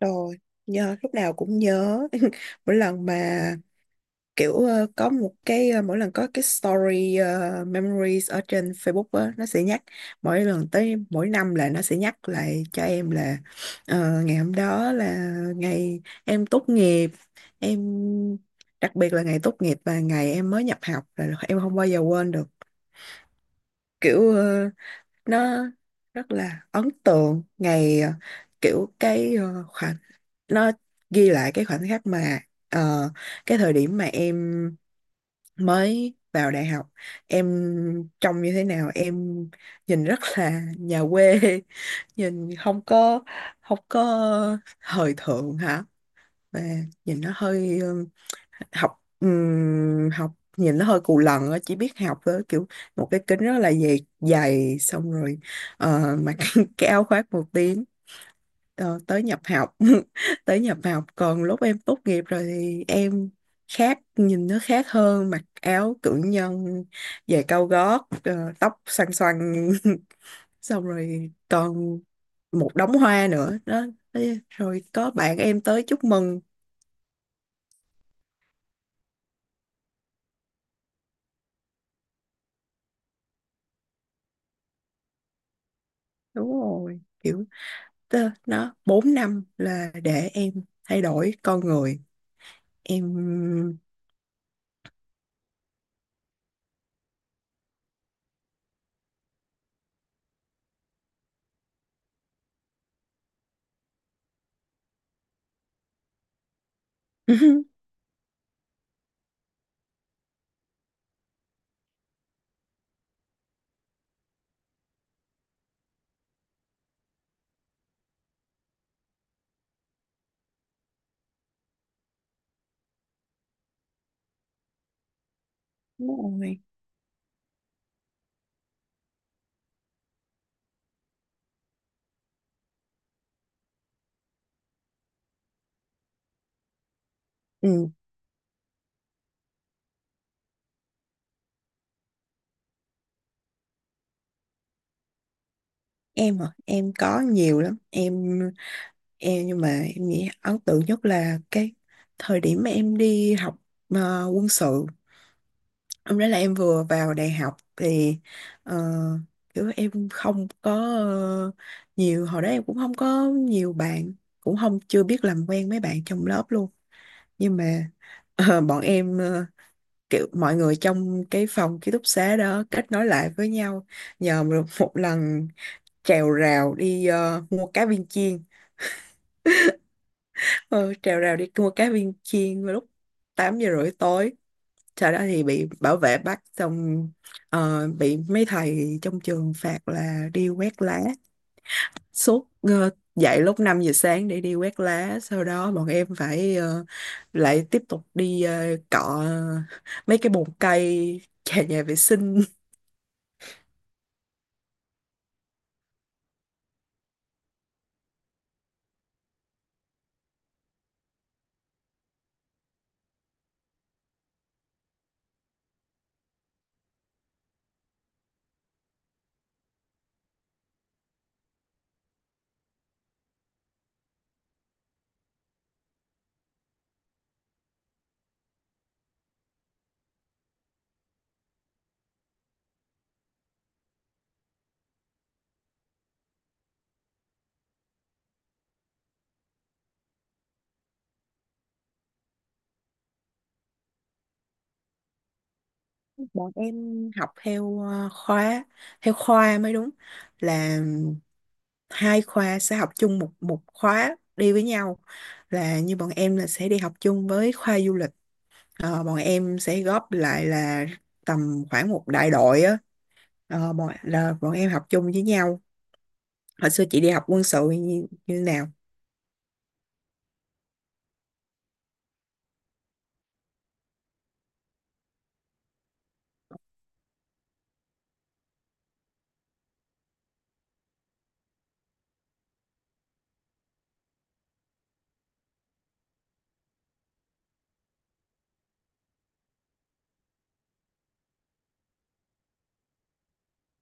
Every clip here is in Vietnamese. Rồi, nhớ lúc nào cũng nhớ. Mỗi lần mà kiểu có một cái mỗi lần có cái story memories ở trên Facebook á nó sẽ nhắc mỗi lần tới mỗi năm là nó sẽ nhắc lại cho em là ngày hôm đó là ngày em tốt nghiệp. Em đặc biệt là ngày tốt nghiệp và ngày em mới nhập học là em không bao giờ quên được. Kiểu nó rất là ấn tượng ngày kiểu cái khoảng nó ghi lại cái khoảnh khắc mà ờ, cái thời điểm mà em mới vào đại học, em trông như thế nào, em nhìn rất là nhà quê, nhìn không có thời thượng hả, và nhìn nó hơi học học nhìn nó hơi cù lần á, chỉ biết học với kiểu một cái kính rất là dày dày, xong rồi mặc cái áo khoác một tí. Ờ, Tới nhập học. Tới nhập học, còn lúc em tốt nghiệp rồi thì em khác, nhìn nó khác hơn, mặc áo cử nhân, giày cao gót, tóc xoăn xoăn, xong rồi còn một đống hoa nữa đó. Thế rồi có bạn em tới chúc mừng. Đúng rồi, kiểu nó 4 năm là để em thay đổi con người em. Đúng rồi. Ừ. Em hả? Em có nhiều lắm em. Nhưng mà em nghĩ ấn tượng nhất là cái thời điểm mà em đi học quân sự. Hôm đó là em vừa vào đại học thì ờ, kiểu em không có nhiều, hồi đó em cũng không có nhiều bạn, cũng không, chưa biết làm quen mấy bạn trong lớp luôn, nhưng mà bọn em kiểu mọi người trong cái phòng ký túc xá đó kết nối lại với nhau nhờ một một lần trèo rào đi mua cá viên chiên. Ờ, Trèo rào đi mua cá viên chiên vào lúc 8 giờ rưỡi tối, sau đó thì bị bảo vệ bắt, xong bị mấy thầy trong trường phạt là đi quét lá suốt, dậy lúc 5 giờ sáng để đi quét lá, sau đó bọn em phải lại tiếp tục đi cọ mấy cái bồn cây, nhà nhà vệ sinh. Bọn em học theo khóa, theo khoa mới đúng, là 2 khoa sẽ học chung một một khóa đi với nhau, là như bọn em là sẽ đi học chung với khoa du lịch. Bọn em sẽ góp lại là tầm khoảng một đại đội á. Là bọn em học chung với nhau. Hồi xưa chị đi học quân sự như nào?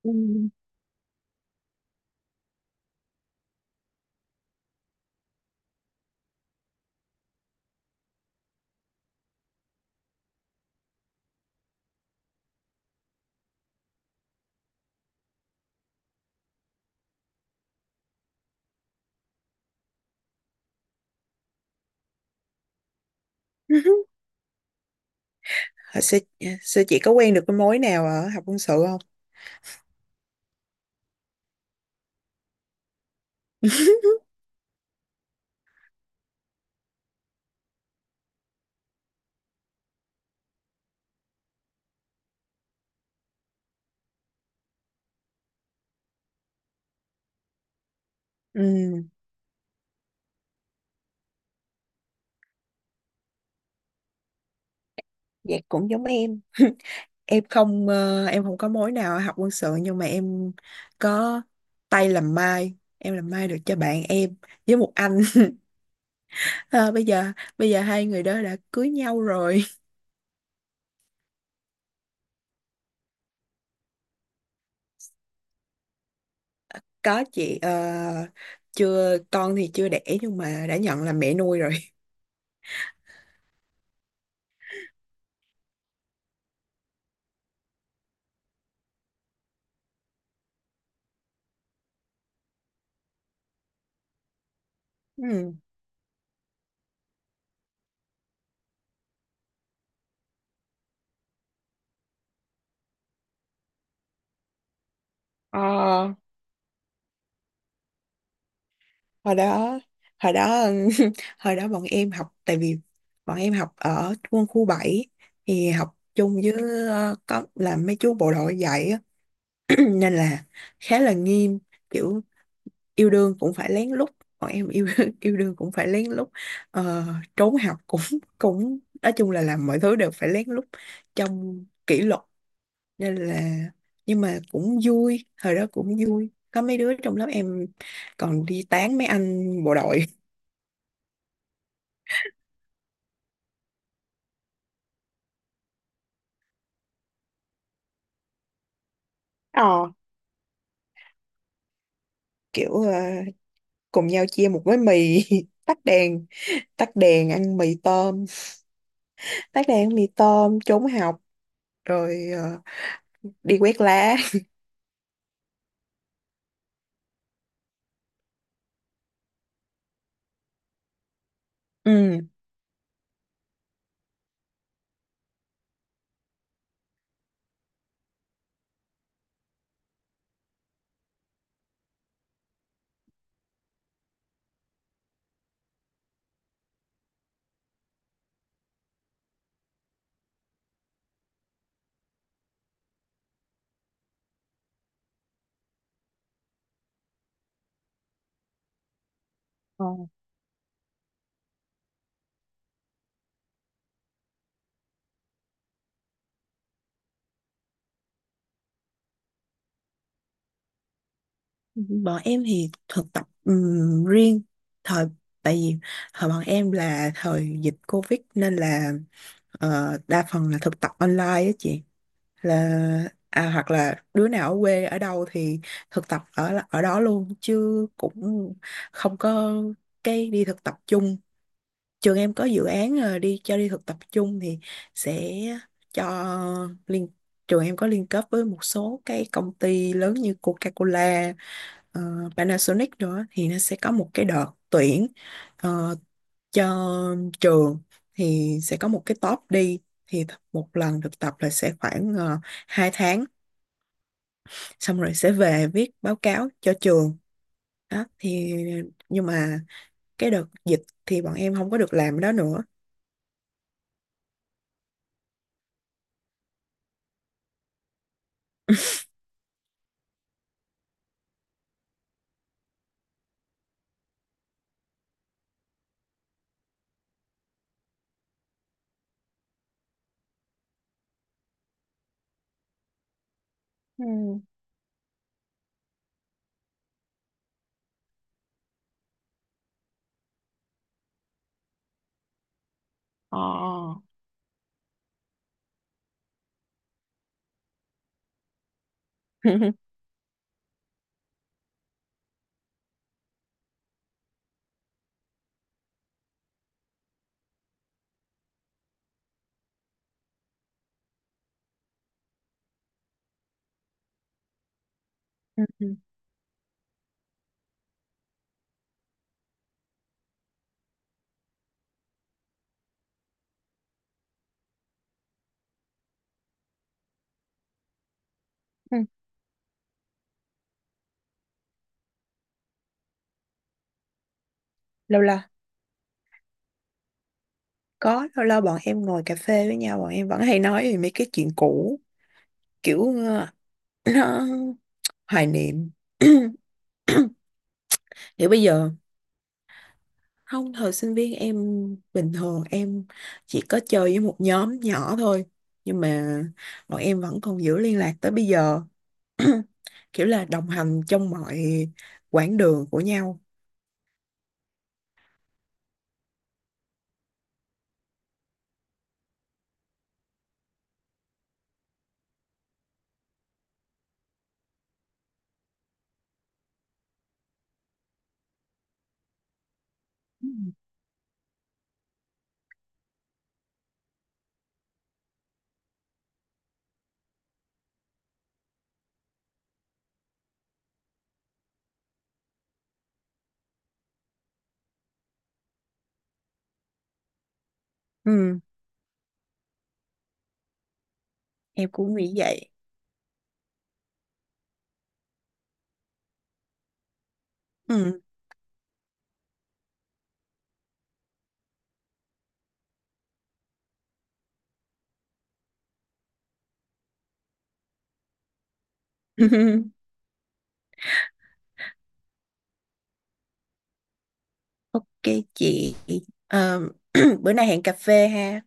Ừ. Hồi xưa chị có quen được cái mối nào ở học quân sự không? Ừ. Vậy cũng giống em. em không ờ, em không có mối nào học quân sự, nhưng mà em có tay làm mai, em làm mai được cho bạn em với một anh. Ờ, bây giờ Bây giờ 2 người đó đã cưới nhau rồi. Có chị. Ờ, Chưa, con thì chưa đẻ nhưng mà đã nhận là mẹ nuôi rồi. Ừ. Ờ, hồi đó Hồi đó hồi đó bọn em học, tại vì bọn em học ở quân khu 7, thì học chung với có làm mấy chú bộ đội dạy á. Ừ, nên là khá là nghiêm, kiểu yêu đương cũng phải lén lút, bọn em yêu yêu đương cũng phải lén lút, ờ, trốn học cũng cũng nói chung là làm mọi thứ đều phải lén lút trong kỷ luật, nên là, nhưng mà cũng vui, thời đó cũng vui, có mấy đứa trong lớp em còn đi tán mấy anh bộ đội. Ờ, Kiểu cùng nhau chia một gói mì, tắt đèn, tắt đèn ăn mì tôm, tắt đèn ăn mì tôm, trốn học, rồi đi quét lá. Ừ. Ờ, Bọn em thì thực tập riêng, thời tại vì thời bọn em là thời dịch Covid nên là đa phần là thực tập online á chị, là à, hoặc là đứa nào ở quê ở đâu thì thực tập ở ở đó luôn, chứ cũng không có cái đi thực tập chung. Trường em có dự án đi cho đi thực tập chung thì sẽ cho liên trường em có liên kết với một số cái công ty lớn như Coca-Cola, ờ, Panasonic nữa, thì nó sẽ có một cái đợt tuyển ờ, cho trường, thì sẽ có một cái top đi. Thì một lần thực tập là sẽ khoảng 2 tháng, xong rồi sẽ về viết báo cáo cho trường đó thì, nhưng mà cái đợt dịch thì bọn em không có được làm đó nữa. Ừ. Ờ. Ừ. Ừ. Ừ. Lâu lâu. Có, lâu lâu bọn em ngồi cà phê với nhau, bọn em vẫn hay nói về mấy cái chuyện cũ, kiểu ờ, hoài niệm. Thì bây giờ, không, thời sinh viên em, bình thường em chỉ có chơi với một nhóm nhỏ thôi, nhưng mà bọn em vẫn còn giữ liên lạc tới bây giờ. Kiểu là đồng hành trong mọi quãng đường của nhau. Ừ, em cũng nghĩ vậy. Ừ. Ok chị. Ờ, Bữa nay hẹn cà phê ha.